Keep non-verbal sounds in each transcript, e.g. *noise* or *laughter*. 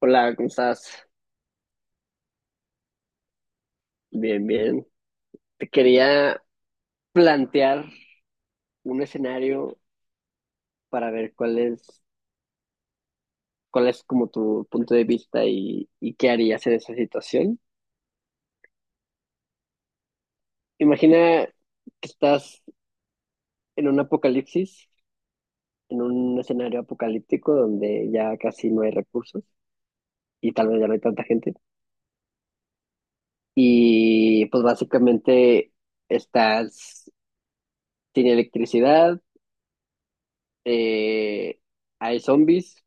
Hola, ¿cómo estás? Bien, bien. Te quería plantear un escenario para ver cuál es como tu punto de vista y qué harías en esa situación. Imagina que estás en un apocalipsis, en un escenario apocalíptico donde ya casi no hay recursos y tal vez ya no hay tanta gente. Y pues básicamente estás sin electricidad, eh, hay zombies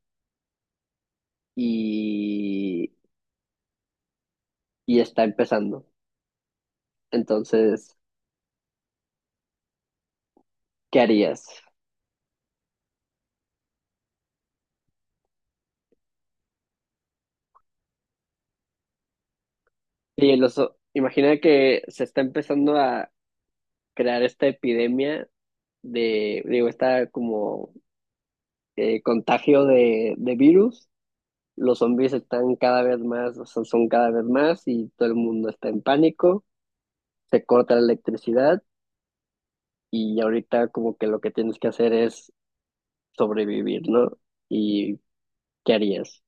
y y está empezando. Entonces, ¿qué harías? Y los, imagina que se está empezando a crear esta epidemia de, digo, esta como contagio de virus. Los zombies están cada vez más, o sea, son cada vez más y todo el mundo está en pánico. Se corta la electricidad y ahorita como que lo que tienes que hacer es sobrevivir, ¿no? ¿Y qué harías?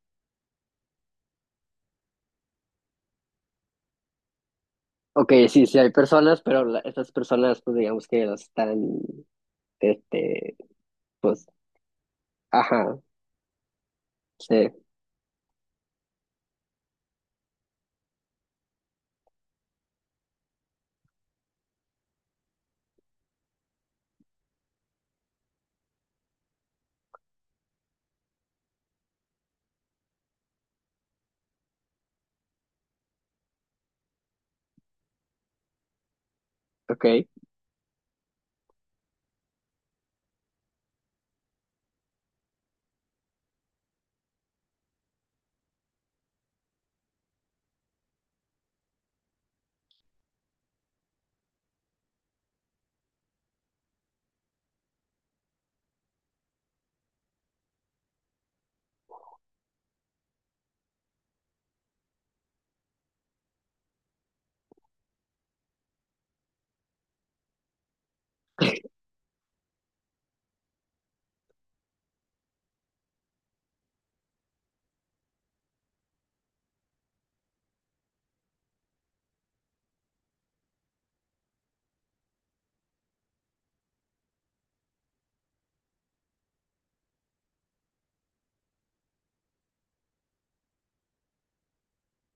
Ok, sí, sí hay personas, pero la- estas personas pues digamos que las están Este, pues, ajá, sí, ok,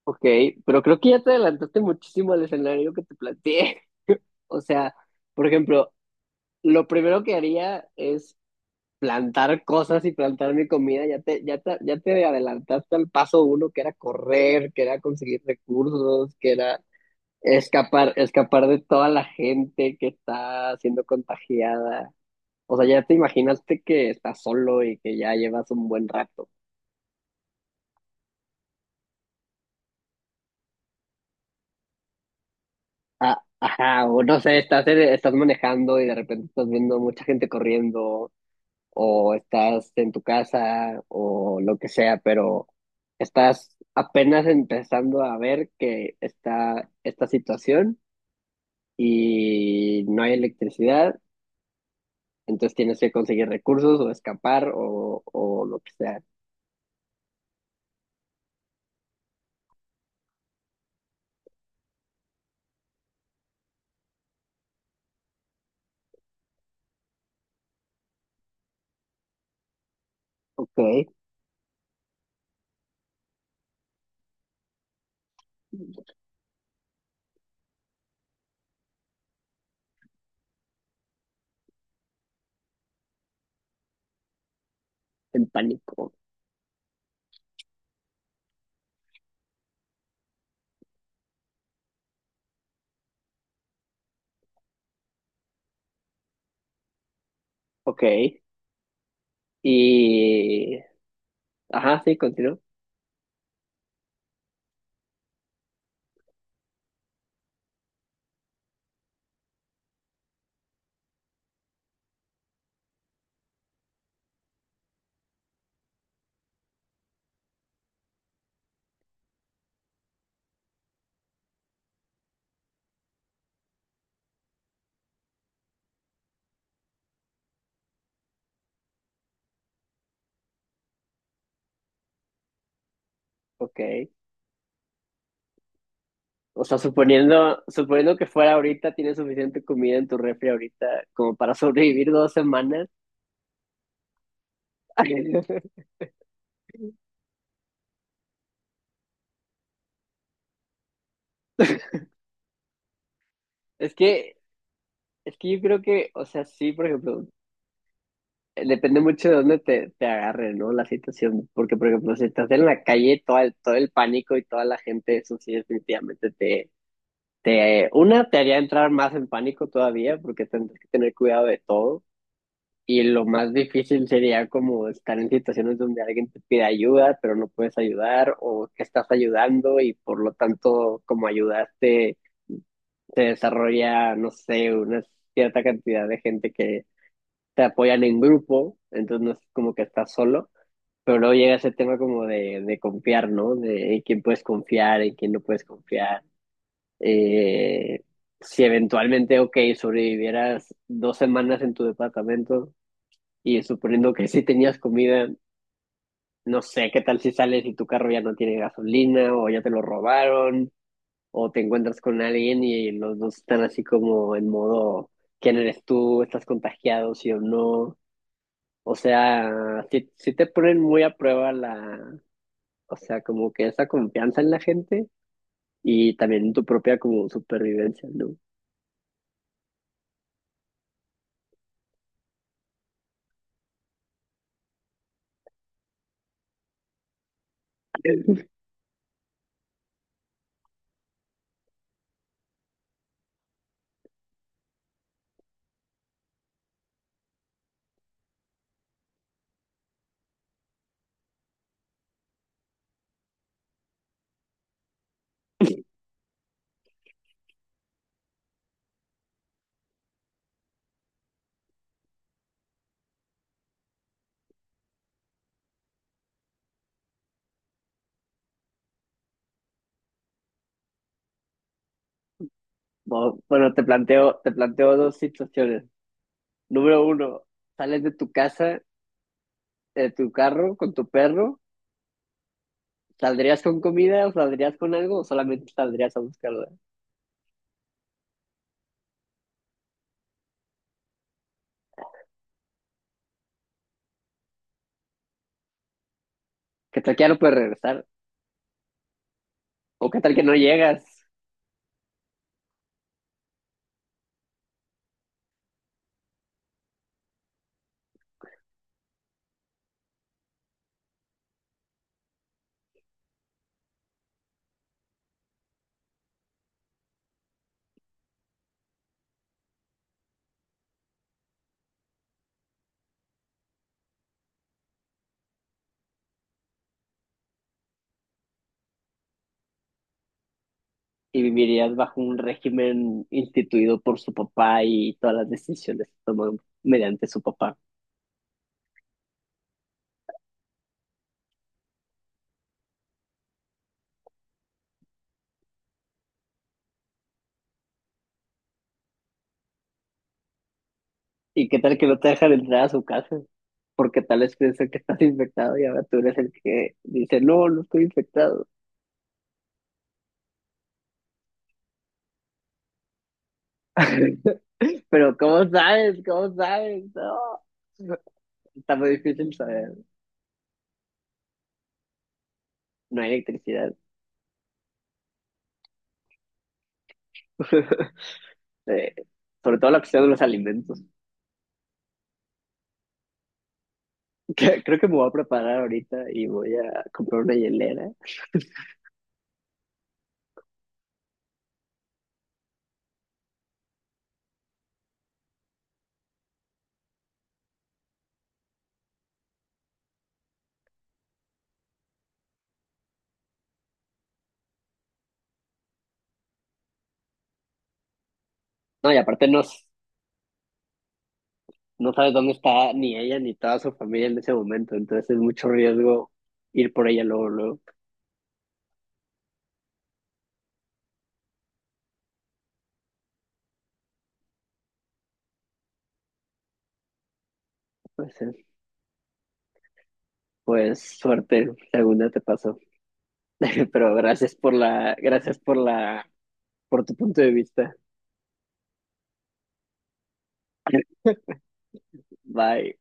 ok, pero creo que ya te adelantaste muchísimo al escenario que te planteé. *laughs* O sea, por ejemplo, lo primero que haría es plantar cosas y plantar mi comida. Ya te adelantaste al paso uno, que era correr, que era conseguir recursos, que era escapar, escapar de toda la gente que está siendo contagiada. O sea, ya te imaginaste que estás solo y que ya llevas un buen rato. Ah, ajá, o no sé, estás, estás manejando y de repente estás viendo mucha gente corriendo, o estás en tu casa, o lo que sea, pero estás apenas empezando a ver que está esta situación y no hay electricidad, entonces tienes que conseguir recursos o escapar o lo que sea. Ok, en pánico. Ok, y... Ajá, sí, continúo. Ok. O sea, suponiendo, suponiendo que fuera ahorita, tienes suficiente comida en tu refri ahorita como para sobrevivir 2 semanas. *laughs* Es que, es que yo creo que, o sea, sí, por ejemplo, depende mucho de dónde te, te agarre, ¿no? La situación. Porque, por ejemplo, si estás en la calle, todo el pánico y toda la gente, eso sí, definitivamente te, te, una, te haría entrar más en pánico todavía, porque tendrías que tener cuidado de todo. Y lo más difícil sería como estar en situaciones donde alguien te pide ayuda, pero no puedes ayudar o que estás ayudando y por lo tanto, como ayudaste, se desarrolla, no sé, una cierta cantidad de gente que te apoyan en grupo, entonces no es como que estás solo, pero luego llega ese tema como de confiar, ¿no? De en quién puedes confiar, en quién no puedes confiar. Eh, si eventualmente, ok, sobrevivieras 2 semanas en tu departamento, y suponiendo que sí tenías comida, no sé, ¿qué tal si sales y tu carro ya no tiene gasolina o ya te lo robaron o te encuentras con alguien y los dos están así como en modo, ¿quién eres tú? ¿Estás contagiado, sí o no? O sea, sí, sí te ponen muy a prueba la, o sea, como que esa confianza en la gente y también tu propia como supervivencia, ¿no? Eh, Bo- Bueno, te planteo dos situaciones. Número uno, sales de tu casa, de tu carro con tu perro. ¿Saldrías con comida o saldrías con algo o solamente saldrías a buscarla? ¿Qué tal que ya no puedes regresar? ¿O qué tal que no llegas y vivirías bajo un régimen instituido por su papá y todas las decisiones que toman mediante su papá? ¿Y qué tal que no te dejan entrar a su casa? Porque tal vez piensan que estás infectado y ahora tú eres el que dice, no, no estoy infectado. *laughs* Pero ¿cómo sabes? ¿Cómo sabes? No. Está muy difícil saber. No hay electricidad. *laughs* Eh, sobre todo la cuestión de los alimentos. Que- Creo que me voy a preparar ahorita y voy a comprar una hielera. No, y aparte no, s- no sabes dónde está ni ella ni toda su familia en ese momento, entonces es mucho riesgo ir por ella luego, luego. Pues, pues suerte, segunda te pasó. *laughs* Pero gracias por la, por tu punto de vista. Bye.